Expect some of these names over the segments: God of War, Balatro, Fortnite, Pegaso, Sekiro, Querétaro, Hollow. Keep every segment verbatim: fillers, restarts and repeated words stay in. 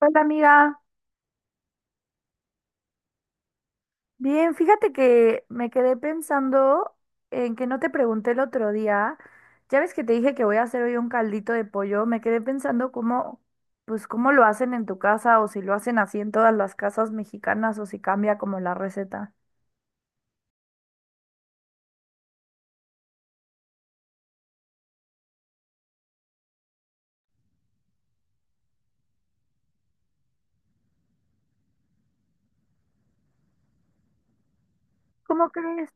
Hola amiga, bien, fíjate que me quedé pensando en que no te pregunté el otro día, ya ves que te dije que voy a hacer hoy un caldito de pollo, me quedé pensando cómo, pues cómo lo hacen en tu casa o si lo hacen así en todas las casas mexicanas o si cambia como la receta. ¿Cómo crees?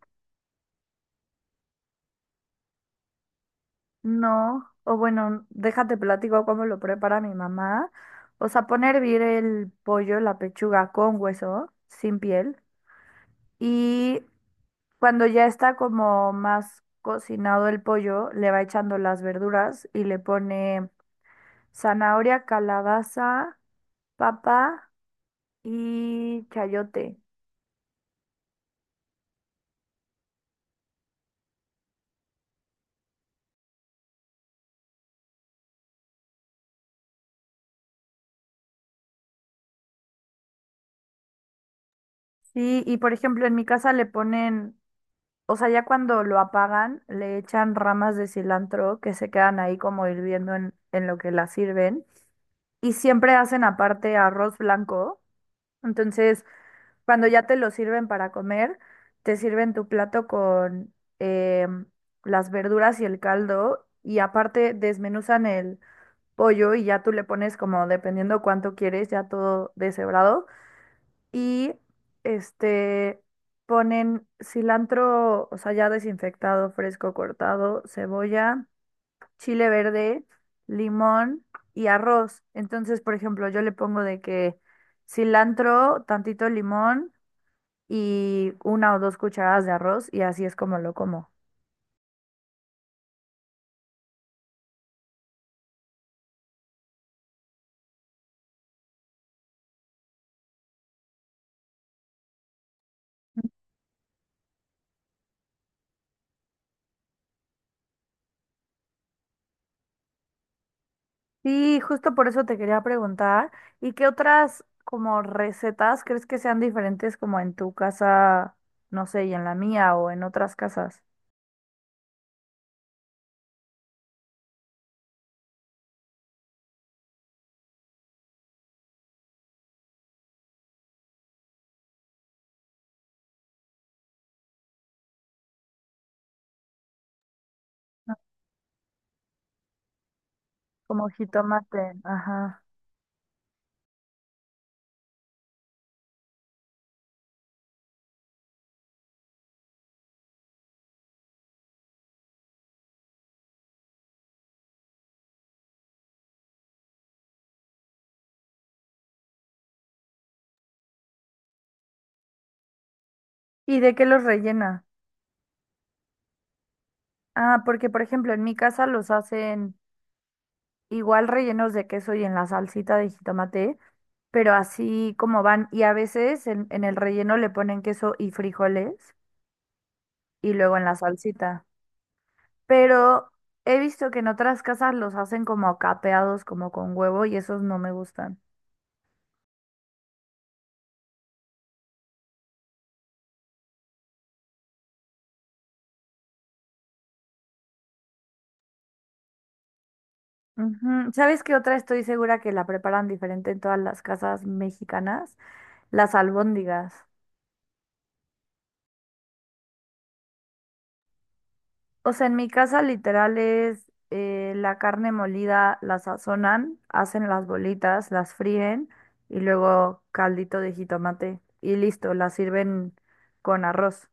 No, o bueno, déjate platico cómo lo prepara mi mamá. O sea, pone a hervir el pollo, la pechuga con hueso, sin piel. y Cuando ya está como más cocinado el pollo, le va echando las verduras y le pone zanahoria, calabaza, papa y chayote. Sí, y por ejemplo, en mi casa le ponen, o sea, ya cuando lo apagan, le echan ramas de cilantro que se quedan ahí como hirviendo en, en lo que la sirven. Y siempre hacen aparte arroz blanco. Entonces, cuando ya te lo sirven para comer, te sirven tu plato con em, las verduras y el caldo, y aparte desmenuzan el pollo y ya tú le pones como dependiendo cuánto quieres, ya todo deshebrado y este ponen cilantro, o sea, ya desinfectado, fresco, cortado, cebolla, chile verde, limón y arroz. Entonces, por ejemplo, yo le pongo de que cilantro, tantito limón y una o dos cucharadas de arroz, y así es como lo como. Sí, justo por eso te quería preguntar, ¿y qué otras como recetas crees que sean diferentes como en tu casa, no sé, y en la mía o en otras casas? Como jitomate, ajá. ¿Y de qué los rellena? Ah, porque por ejemplo en mi casa los hacen igual rellenos de queso y en la salsita de jitomate, pero así como van, y a veces en, en el relleno le ponen queso y frijoles y luego en la salsita. Pero he visto que en otras casas los hacen como capeados, como con huevo, y esos no me gustan. Ujú. ¿Sabes qué otra estoy segura que la preparan diferente en todas las casas mexicanas? Las albóndigas. O sea, en mi casa literal es eh, la carne molida, la sazonan, hacen las bolitas, las fríen y luego caldito de jitomate y listo, las sirven con arroz.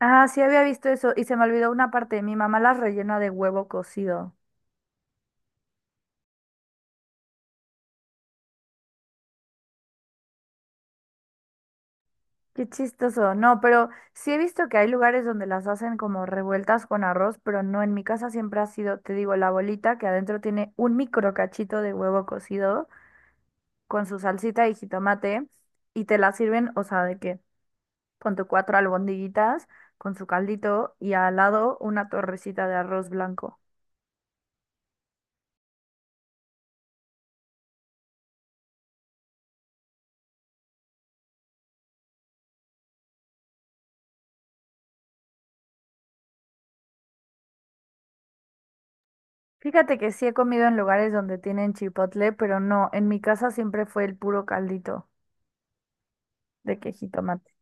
Ah, sí había visto eso y se me olvidó una parte. Mi mamá las rellena de huevo cocido. Qué chistoso. No, pero sí he visto que hay lugares donde las hacen como revueltas con arroz, pero no, en mi casa siempre ha sido, te digo, la bolita que adentro tiene un micro cachito de huevo cocido con su salsita y jitomate y te la sirven, o sea, de que con tu cuatro albondiguitas, con su caldito y al lado una torrecita de arroz blanco. Fíjate que sí he comido en lugares donde tienen chipotle, pero no, en mi casa siempre fue el puro caldito de que jitomate.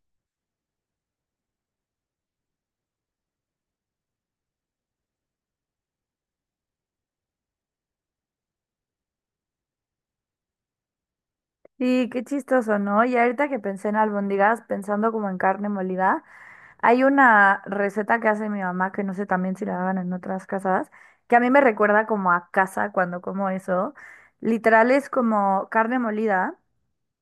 Sí, qué chistoso, ¿no? Y ahorita que pensé en albóndigas, pensando como en carne molida, hay una receta que hace mi mamá, que no sé también si la hagan en otras casas, que a mí me recuerda como a casa cuando como eso. Literal es como carne molida.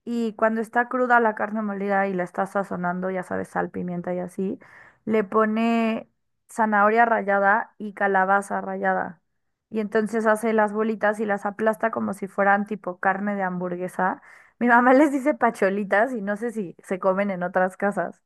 Y cuando está cruda la carne molida y la está sazonando, ya sabes, sal, pimienta y así, le pone zanahoria rallada y calabaza rallada. Y entonces hace las bolitas y las aplasta como si fueran tipo carne de hamburguesa. Mi mamá les dice pacholitas y no sé si se comen en otras casas.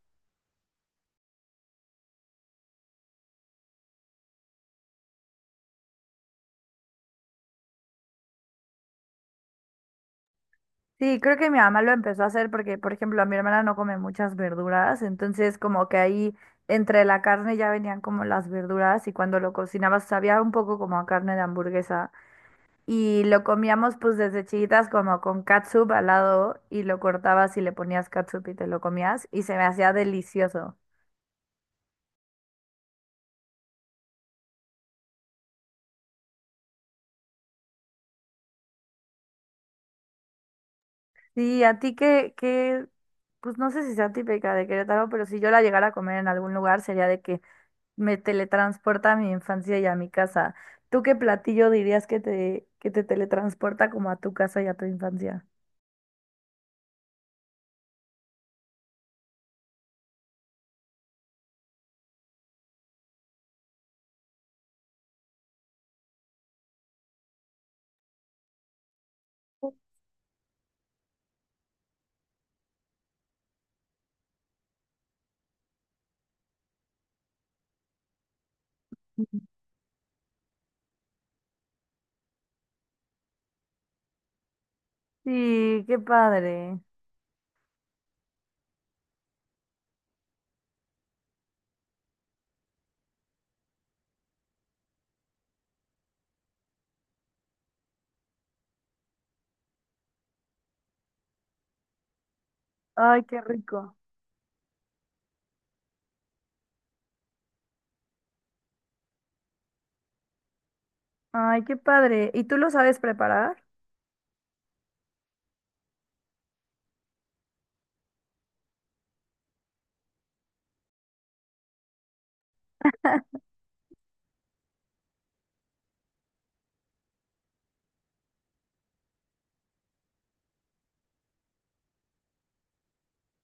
Sí, creo que mi mamá lo empezó a hacer porque, por ejemplo, a mi hermana no come muchas verduras, entonces como que ahí entre la carne ya venían como las verduras y cuando lo cocinabas sabía un poco como a carne de hamburguesa. Y lo comíamos pues desde chiquitas como con catsup al lado y lo cortabas y le ponías catsup y te lo comías y se me hacía delicioso. Sí, a ti que, que, pues no sé si sea típica de Querétaro, pero si yo la llegara a comer en algún lugar sería de que me teletransporta a mi infancia y a mi casa. ¿Tú qué platillo dirías que te, que te teletransporta como a tu casa y a tu infancia? Sí, qué padre. Ay, qué rico. Ay, qué padre. ¿Y tú lo sabes preparar?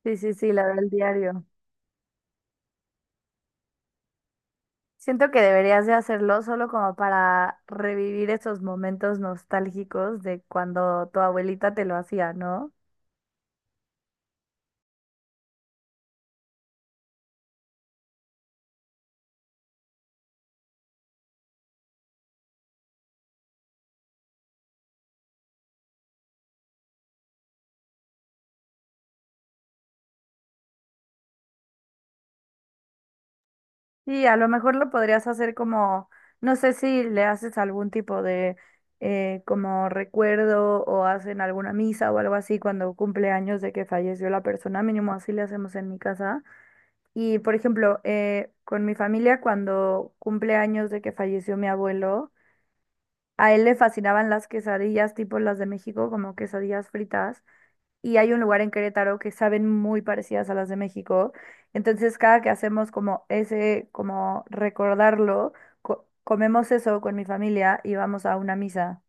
Sí, sí, sí, la del diario. Siento que deberías de hacerlo solo como para revivir esos momentos nostálgicos de cuando tu abuelita te lo hacía, ¿no? Y a lo mejor lo podrías hacer como, no sé si le haces algún tipo de eh, como recuerdo o hacen alguna misa o algo así cuando cumple años de que falleció la persona, mínimo así le hacemos en mi casa. Y por ejemplo, eh, con mi familia cuando cumple años de que falleció mi abuelo. A él le fascinaban las quesadillas, tipo las de México, como quesadillas fritas. Y hay un lugar en Querétaro que saben muy parecidas a las de México. Entonces, cada que hacemos como ese, como recordarlo, co- comemos eso con mi familia y vamos a una misa.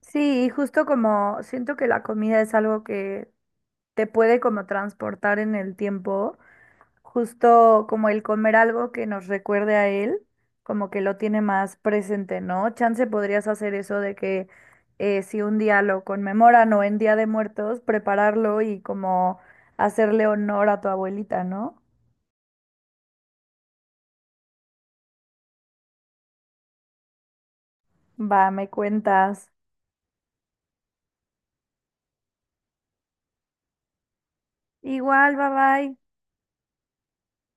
Sí, y justo como siento que la comida es algo que te puede como transportar en el tiempo. Justo como el comer algo que nos recuerde a él, como que lo tiene más presente, ¿no? Chance podrías hacer eso de que eh, si un día lo conmemoran o en Día de Muertos, prepararlo y como hacerle honor a tu abuelita, ¿no? Va, me cuentas. Igual, bye bye.